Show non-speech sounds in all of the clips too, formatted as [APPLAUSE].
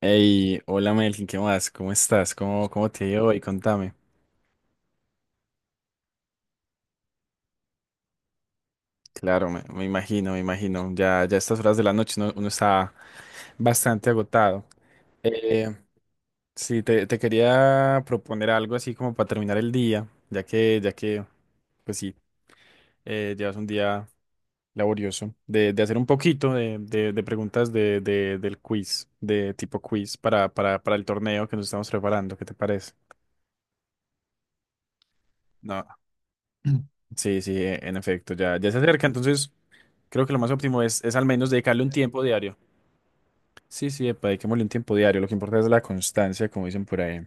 Hey, hola Melkin, ¿qué más? ¿Cómo estás? ¿Cómo te ha ido hoy? Contame. Claro, me imagino, me imagino. Ya, ya a estas horas de la noche uno está bastante agotado. Eh, sí, te quería proponer algo así como para terminar el día, ya que, pues sí, llevas un día laborioso, de hacer un poquito de preguntas del quiz, de tipo quiz para el torneo que nos estamos preparando. ¿Qué te parece? No, sí, sí, en efecto, ya se acerca, entonces. Creo que lo más óptimo es al menos dedicarle un tiempo diario. Sí, sí, epa, dediquémosle un tiempo diario. Lo que importa es la constancia, como dicen por ahí.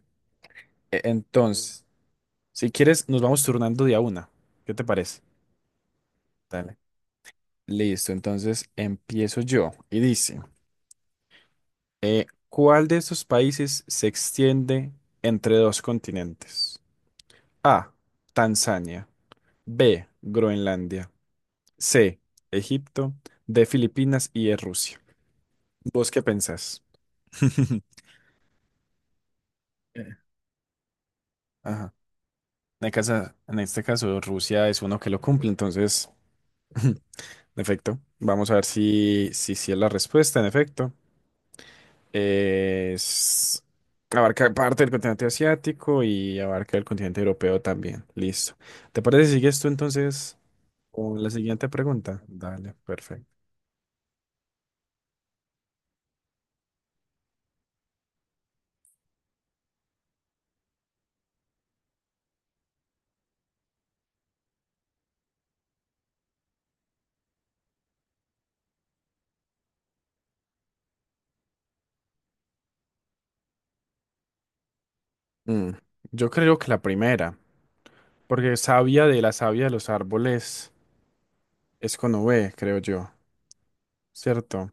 Entonces, si quieres, nos vamos turnando día una. ¿Qué te parece? Dale. Listo, entonces empiezo yo. Y dice, ¿cuál de estos países se extiende entre dos continentes? A, Tanzania. B, Groenlandia. C, Egipto. D, Filipinas y E, Rusia. ¿Vos qué pensás? [LAUGHS] Eh, Ajá. En casa- en este caso, Rusia es uno que lo cumple, entonces, [LAUGHS] en efecto, vamos a ver si es la respuesta, en efecto. Es, abarca parte del continente asiático y abarca el continente europeo también. Listo. ¿Te parece si sigues tú entonces con la siguiente pregunta? Dale, perfecto. Mm, Yo creo que la primera, porque savia de la savia de los árboles es con V, creo yo, ¿cierto?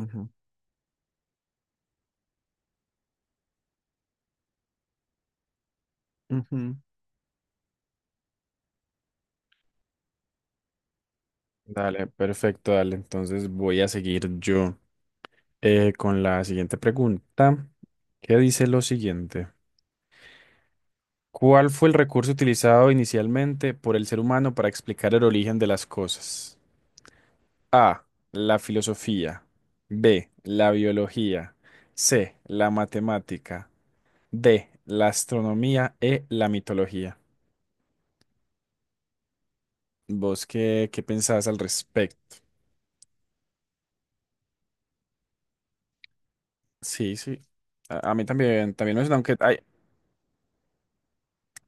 Ujú, ujú. Dale, perfecto, dale. Entonces voy a seguir yo con la siguiente pregunta, que dice lo siguiente. ¿Cuál fue el recurso utilizado inicialmente por el ser humano para explicar el origen de las cosas? A, la filosofía. B, la biología. C, la matemática. D, la astronomía. E, la mitología. ¿Vos qué pensás al respecto? Sí, sí. A mí también, también me suena, aunque hay,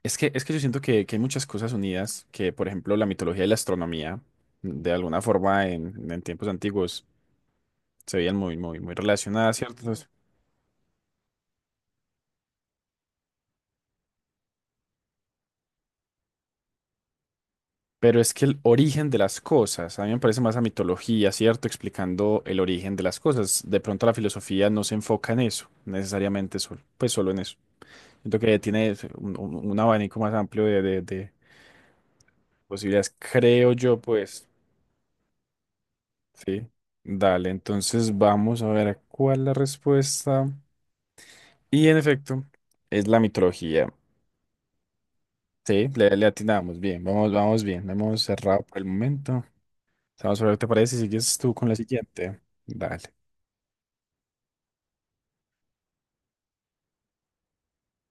es que, es que yo siento que hay muchas cosas unidas, que por ejemplo la mitología y la astronomía, de alguna forma en tiempos antiguos, se veían muy, muy, muy relacionadas, ¿cierto? Entonces, pero es que el origen de las cosas, a mí me parece más la mitología, ¿cierto? Explicando el origen de las cosas. De pronto la filosofía no se enfoca en eso, necesariamente solo, pues solo en eso. Siento que tiene un abanico más amplio de posibilidades, creo yo, pues, sí. Dale, entonces vamos a ver cuál es la respuesta. Y en efecto, es la mitología. Sí, le atinamos bien, vamos, vamos bien, la hemos cerrado por el momento. Vamos a ver, ¿te parece? Sigues tú con la siguiente. Dale.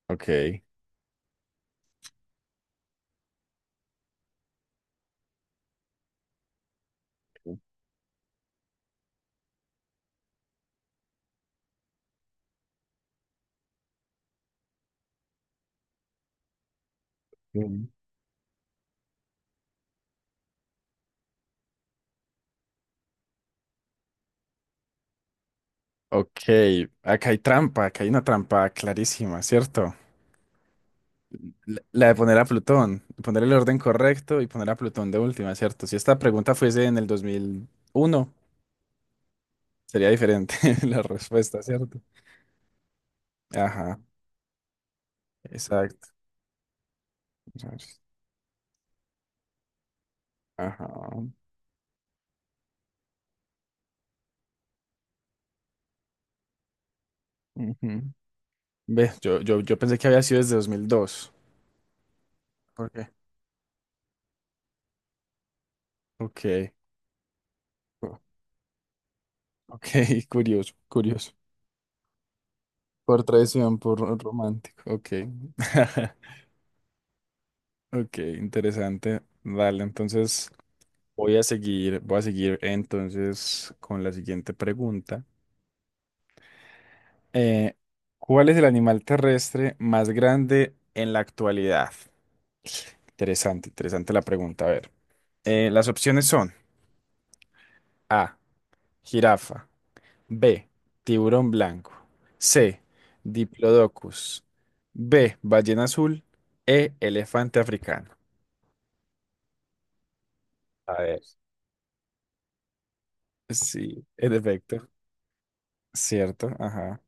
Ok. Mm. Ok, acá hay trampa, acá hay una trampa clarísima, ¿cierto? La de poner a Plutón, poner el orden correcto y poner a Plutón de última, ¿cierto? Si esta pregunta fuese en el 2001 sería diferente [LAUGHS] la respuesta, ¿cierto? Ajá, exacto. Ajá. Ujú. Ve, yo pensé que había sido desde 2002. ¿Por qué? Ok, o- ok, [LAUGHS] curioso, curioso. Por traición, por romántico. Ok, [LAUGHS] ok, interesante. Dale, entonces voy a seguir entonces con la siguiente pregunta. Eh, ¿Cuál es el animal terrestre más grande en la actualidad? Interesante, interesante la pregunta. A ver, las opciones son A, jirafa, B. Tiburón blanco. C. Diplodocus. B. Ballena azul. E. Elefante africano. A ver. Sí, en efecto. Cierto, ajá.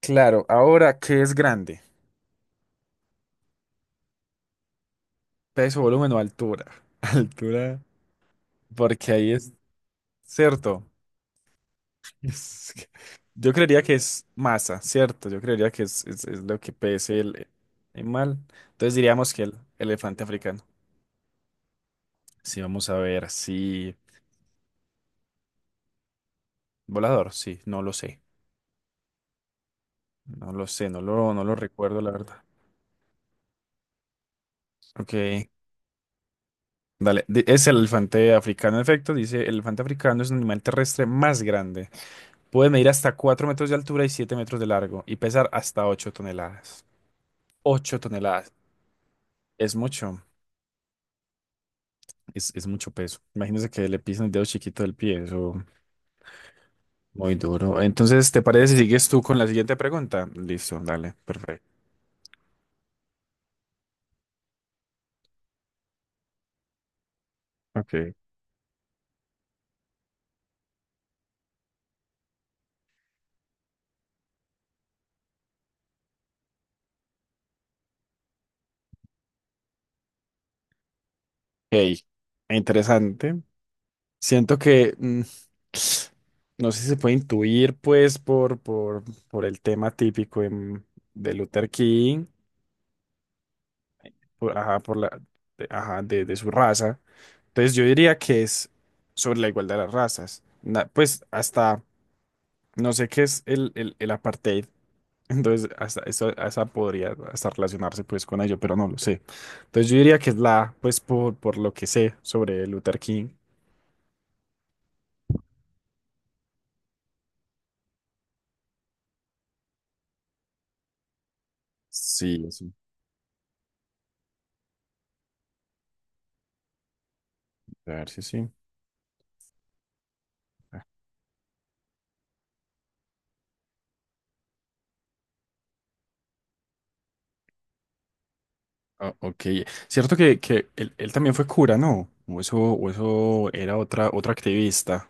Claro, ahora, ¿qué es grande? Peso, volumen o altura. [LAUGHS] Altura, porque ahí es cierto. [LAUGHS] Es que- Yo creería que es masa, ¿cierto? Yo creería que es lo que pese el animal. Entonces diríamos que el elefante africano. Sí, vamos a ver, sí. Volador, sí, no lo sé. No lo sé, no lo recuerdo, la verdad. Ok, dale. Es el elefante africano, en efecto. Dice, el elefante africano es un animal terrestre más grande. Puede medir hasta 4 metros de altura y 7 metros de largo y pesar hasta 8 toneladas. 8 toneladas. Es mucho, es mucho peso. Imagínese que le pisan el dedo chiquito del pie, eso muy duro. Entonces, ¿te parece si sigues tú con la siguiente pregunta? Listo, dale, perfecto. Ok. Ok, interesante. Siento que, no sé si se puede intuir, pues, por el tema típico de Luther King, por, ajá, por la, de, ajá, de su raza. Entonces yo diría que es sobre la igualdad de las razas. Na- pues hasta, no sé qué es el apartheid. [LAUGHS] Entonces, hasta eso, esa podría hasta relacionarse pues con ello, pero no lo sé. Entonces yo diría que es la, pues por lo que sé sobre Luther King. Sí, sí. A ver si sí. Ah, ok. Cierto que él también fue cura, ¿no? O eso era otra activista.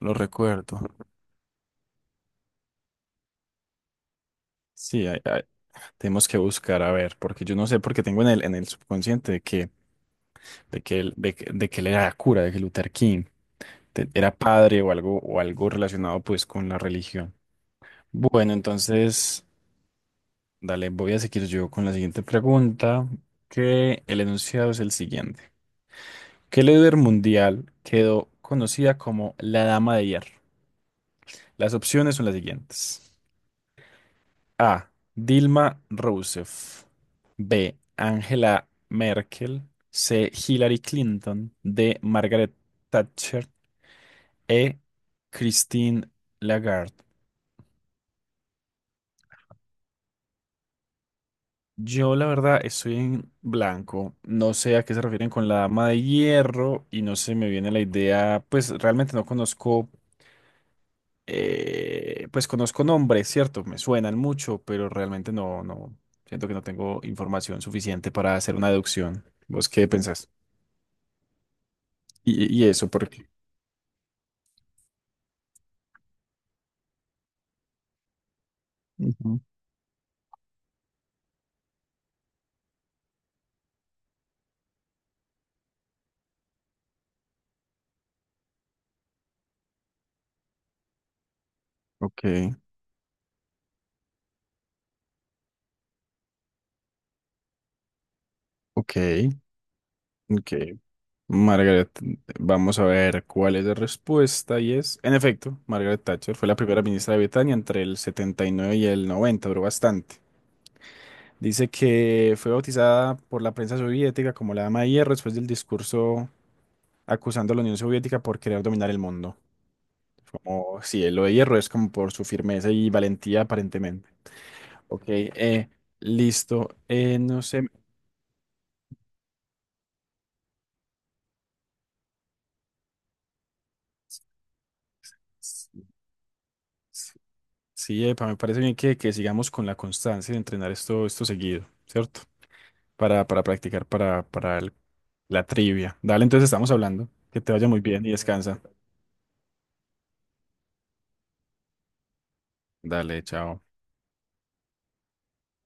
No lo recuerdo. Sí, tenemos que buscar, a ver, porque yo no sé, porque tengo en el subconsciente de que él era cura, de que Luther King era padre o algo, relacionado pues con la religión. Bueno, entonces, dale, voy a seguir yo con la siguiente pregunta, que el enunciado es el siguiente. ¿Qué líder mundial quedó conocida como la Dama de Hierro? Las opciones son las siguientes. A. Dilma Rousseff. B. Angela Merkel. C. Hillary Clinton. D. Margaret Thatcher. E. Christine Lagarde. Yo la verdad estoy en blanco. No sé a qué se refieren con la dama de hierro y no se me viene la idea. Pues realmente no conozco pues conozco nombres, ¿cierto? Me suenan mucho, pero realmente no, no, siento que no tengo información suficiente para hacer una deducción. ¿Vos qué pensás? Y eso, porque... Ujú. Ok, ok, ok. Margaret, vamos a ver cuál es la respuesta y es, en efecto, Margaret Thatcher fue la primera ministra de Britania entre el 79 y el 90. Duró bastante. Dice que fue bautizada por la prensa soviética como la Dama de Hierro después del discurso acusando a la Unión Soviética por querer dominar el mundo. Como si lo de hierro es como por su firmeza y valentía aparentemente. Ok, listo. No sé. s- s- Sí, epa, me parece bien que sigamos con la constancia de entrenar esto seguido, ¿cierto? Para practicar para la trivia. Dale, entonces estamos hablando. Que te vaya muy bien y descansa. Dale, chao.